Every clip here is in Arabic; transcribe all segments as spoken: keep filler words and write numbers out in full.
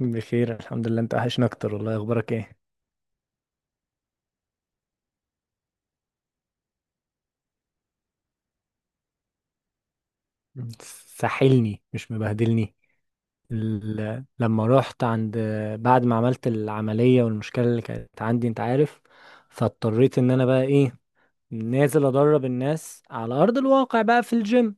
بخير الحمد لله، انت وحشنا اكتر والله. اخبارك ايه؟ ساحلني مش مبهدلني. ال... لما رحت عند بعد ما عملت العملية والمشكلة اللي كانت عندي انت عارف، فاضطريت ان انا بقى ايه، نازل ادرب الناس على ارض الواقع بقى في الجيم.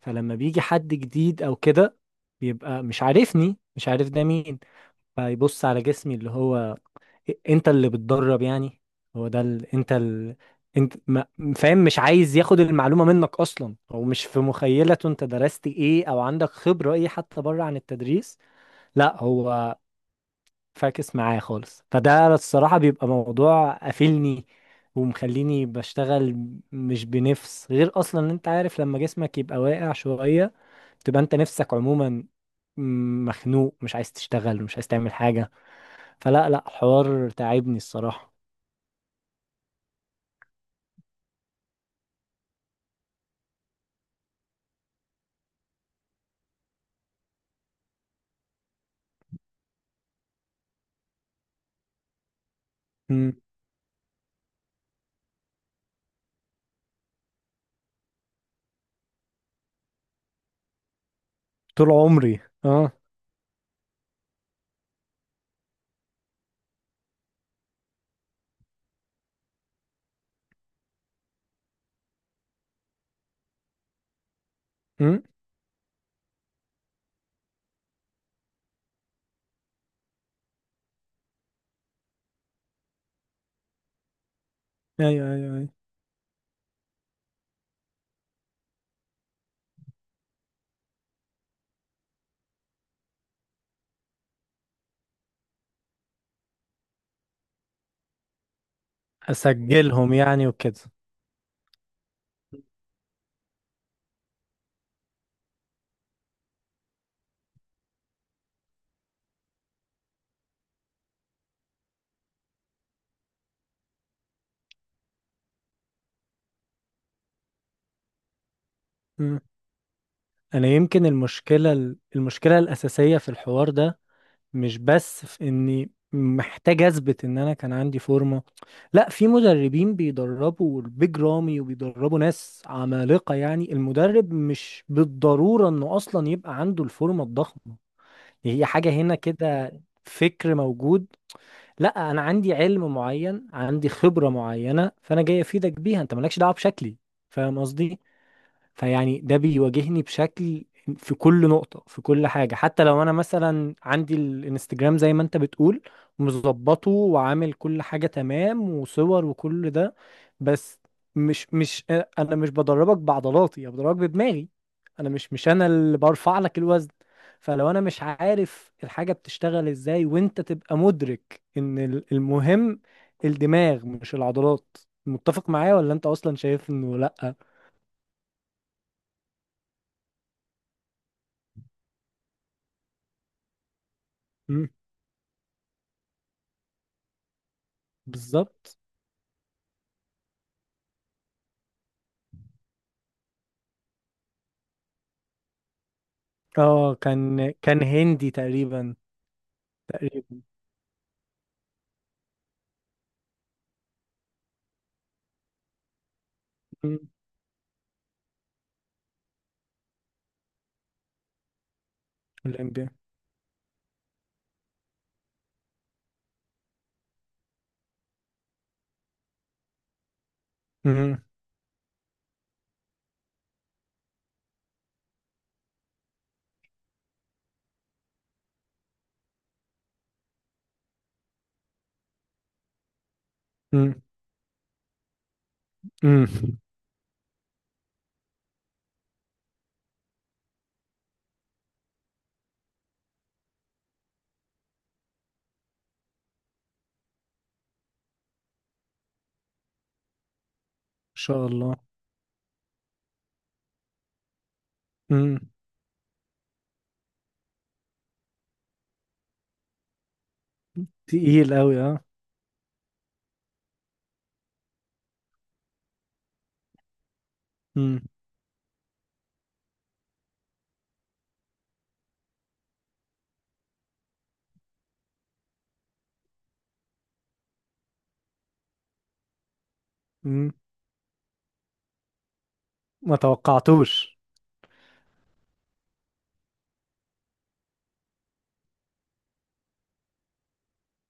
فلما بيجي حد جديد او كده، بيبقى مش عارفني، مش عارف ده مين، فيبص على جسمي اللي هو، انت اللي بتدرب يعني؟ هو ده ال... انت ال... انت ما... فاهم؟ مش عايز ياخد المعلومة منك اصلا، هو مش في مخيلته انت درست ايه او عندك خبرة ايه حتى بره عن التدريس. لا، هو فاكس معايا خالص، فده الصراحة بيبقى موضوع قافلني ومخليني بشتغل مش بنفس. غير اصلا ان انت عارف لما جسمك يبقى واقع شوية، تبقى انت نفسك عموما مخنوق، مش عايز تشتغل، مش عايز تعمل حاجة. فلا لا حوار تعبني الصراحة. مم. طول عمري اه. مم. ايوه ايوه ايوه. اسجلهم يعني وكده. مم. انا يمكن المشكله المشكله الاساسيه في الحوار ده، مش بس في اني محتاج اثبت ان انا كان عندي فورمه. لا، في مدربين بيدربوا البيج رامي وبيدربوا ناس عمالقه، يعني المدرب مش بالضروره انه اصلا يبقى عنده الفورمه الضخمه. هي حاجه هنا كده، فكر موجود. لا، انا عندي علم معين، عندي خبرة معينة، فانا جاي افيدك بيها، انت مالكش دعوة بشكلي. فاهم قصدي؟ فيعني ده بيواجهني بشكل، في كل نقطة في كل حاجة. حتى لو أنا مثلا عندي الانستجرام زي ما أنت بتقول مظبطه وعامل كل حاجة تمام وصور وكل ده، بس مش مش أنا مش بدربك بعضلاتي، أنا بدربك بدماغي. أنا مش مش أنا اللي برفع لك الوزن. فلو أنا مش عارف الحاجة بتشتغل إزاي، وأنت تبقى مدرك إن ال- المهم الدماغ مش العضلات. متفق معايا ولا أنت أصلا شايف إنه لأ؟ بالظبط. اه، كان كان هندي تقريبا. تقريبا. مم. الانبياء. مم. مم. مم. ان شاء الله. مم. تقيل قوي اه. مم. مم. ما توقعتوش.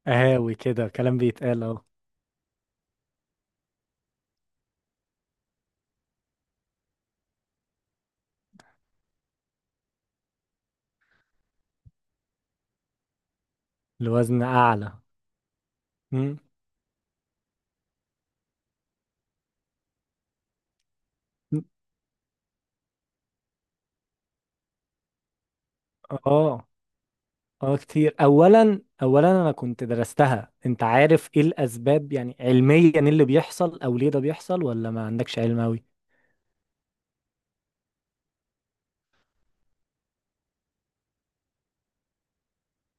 اهاوي كده كلام بيتقال اهو. الوزن اعلى. مم. مم. اه اه. كتير. اولا اولا انا كنت درستها، انت عارف ايه الاسباب يعني علميا إيه اللي بيحصل او ليه ده بيحصل، ولا ما عندكش علم؟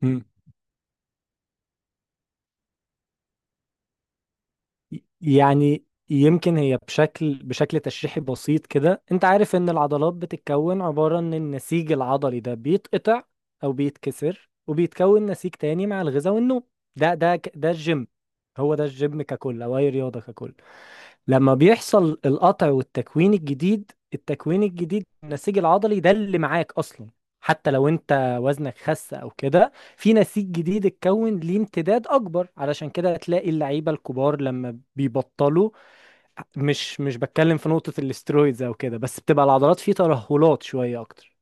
قوي. يعني يمكن هي بشكل بشكل تشريحي بسيط كده، انت عارف ان العضلات بتتكون، عبارة ان النسيج العضلي ده بيتقطع او بيتكسر وبيتكون نسيج تاني مع الغذاء والنوم. ده ده ك- ده الجيم. هو ده الجيم ككل، او اي رياضة ككل. لما بيحصل القطع والتكوين الجديد، التكوين الجديد النسيج العضلي ده اللي معاك اصلا، حتى لو انت وزنك خس او كده، في نسيج جديد اتكون ليه امتداد اكبر. علشان كده تلاقي اللعيبه الكبار لما بيبطلوا، مش مش بتكلم في نقطه الاسترويدز او كده، بس بتبقى العضلات فيه ترهلات شويه اكتر.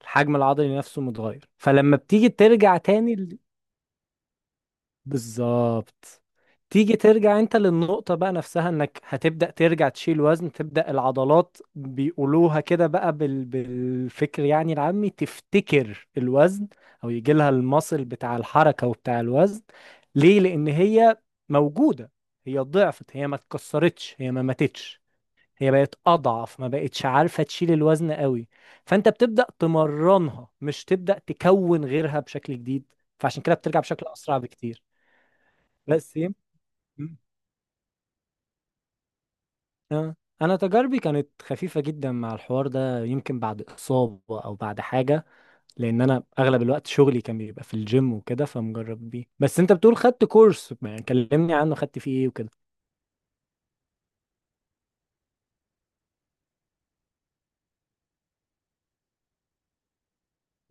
الحجم العضلي نفسه متغير. فلما بتيجي ترجع تاني، بالظبط، تيجي ترجع انت للنقطة بقى نفسها، انك هتبدأ ترجع تشيل وزن، تبدأ العضلات بيقولوها كده بقى بال... بالفكر، يعني العامي، تفتكر الوزن او يجي لها المصل بتاع الحركة وبتاع الوزن. ليه؟ لأن هي موجودة، هي ضعفت، هي ما اتكسرتش، هي ما ماتتش، هي بقت أضعف، ما بقتش عارفة تشيل الوزن قوي. فأنت بتبدأ تمرنها، مش تبدأ تكون غيرها بشكل جديد. فعشان كده بترجع بشكل أسرع بكتير. بس يم... مم. آه. انا تجاربي كانت خفيفه جدا مع الحوار ده، يمكن بعد اصابه او بعد حاجه، لان انا اغلب الوقت شغلي كان بيبقى في الجيم وكده، فمجرب بيه. بس انت بتقول خدت كورس، يعني كلمني عنه خدت فيه ايه وكده.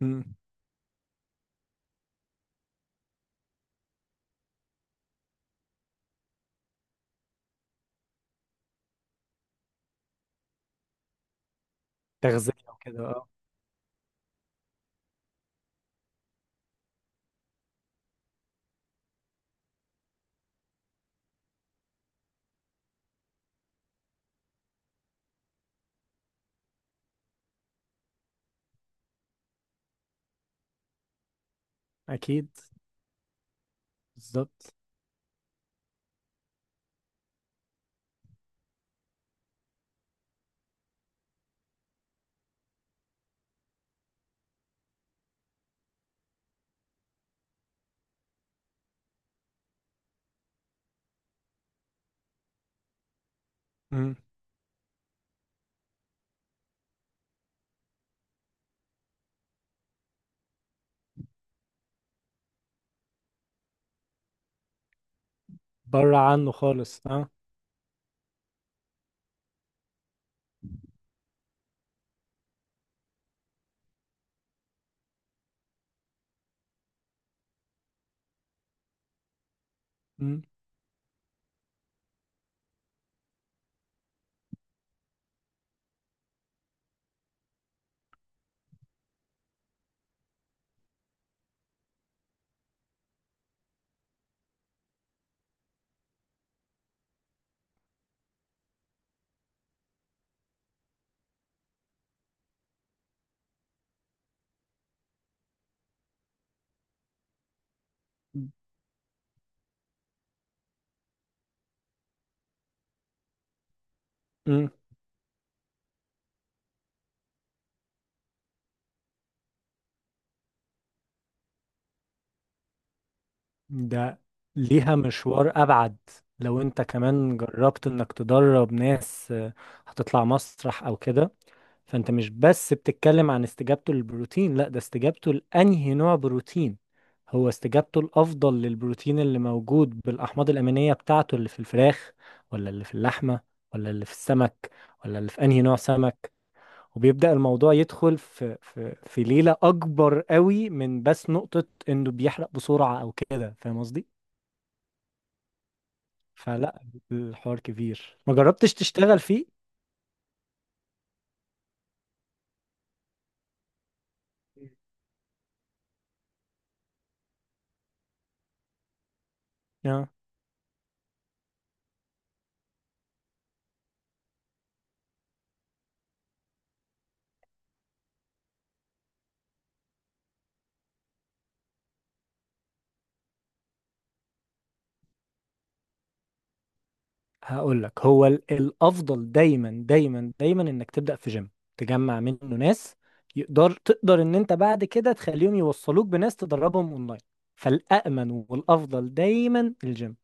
مم. تغذيه وكده اه. اكيد. بالظبط. مم. بره عنه خالص اه. مم. مم. ده ليها مشوار ابعد لو انت كمان جربت انك تدرب ناس آه، هتطلع مسرح او كده. فانت مش بس بتتكلم عن استجابته للبروتين، لا ده استجابته لأنهي نوع بروتين. هو استجابته الأفضل للبروتين اللي موجود بالأحماض الأمينية بتاعته، اللي في الفراخ ولا اللي في اللحمة ولا اللي في السمك ولا اللي في أنهي نوع سمك. وبيبدأ الموضوع يدخل في في في ليلة أكبر قوي من بس نقطة إنه بيحرق بسرعة أو كده. فاهم قصدي؟ فلا، الحوار كبير، ما جربتش تشتغل فيه؟ آه. هقول لك، هو ال- الافضل دايما دايما دايما انك تبدا في جيم، تجمع منه ناس، يقدر تقدر ان انت بعد كده تخليهم يوصلوك بناس تدربهم اونلاين. فالامن والافضل دايما الجيم.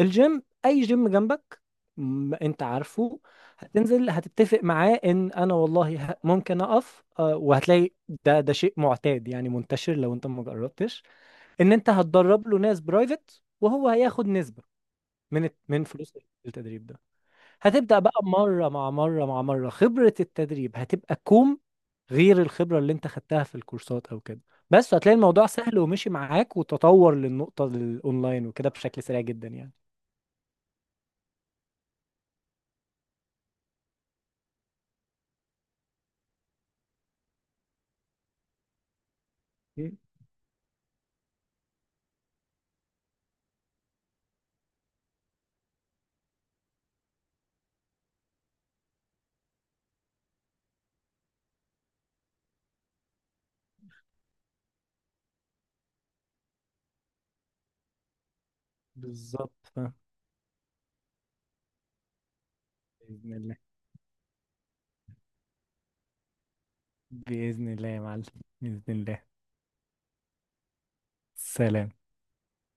الجيم اي جيم جنبك، م- انت عارفه. هتنزل هتتفق معاه ان انا والله ه- ممكن اقف آه، وهتلاقي، ده ده شيء معتاد يعني، منتشر لو انت ما جربتش. ان انت هتدرب له ناس برايفت، وهو هياخد نسبة من الت- من فلوس التدريب ده. هتبدأ بقى مرة مع مرة مع مرة، خبرة التدريب هتبقى كوم، غير الخبرة اللي انت خدتها في الكورسات او كده. بس هتلاقي الموضوع سهل ومشي معاك وتطور للنقطة الاونلاين وكده بشكل سريع جدا يعني. مم. بالظبط. آه. بإذن الله. بإذن الله يا معلم. بإذن الله. سلام.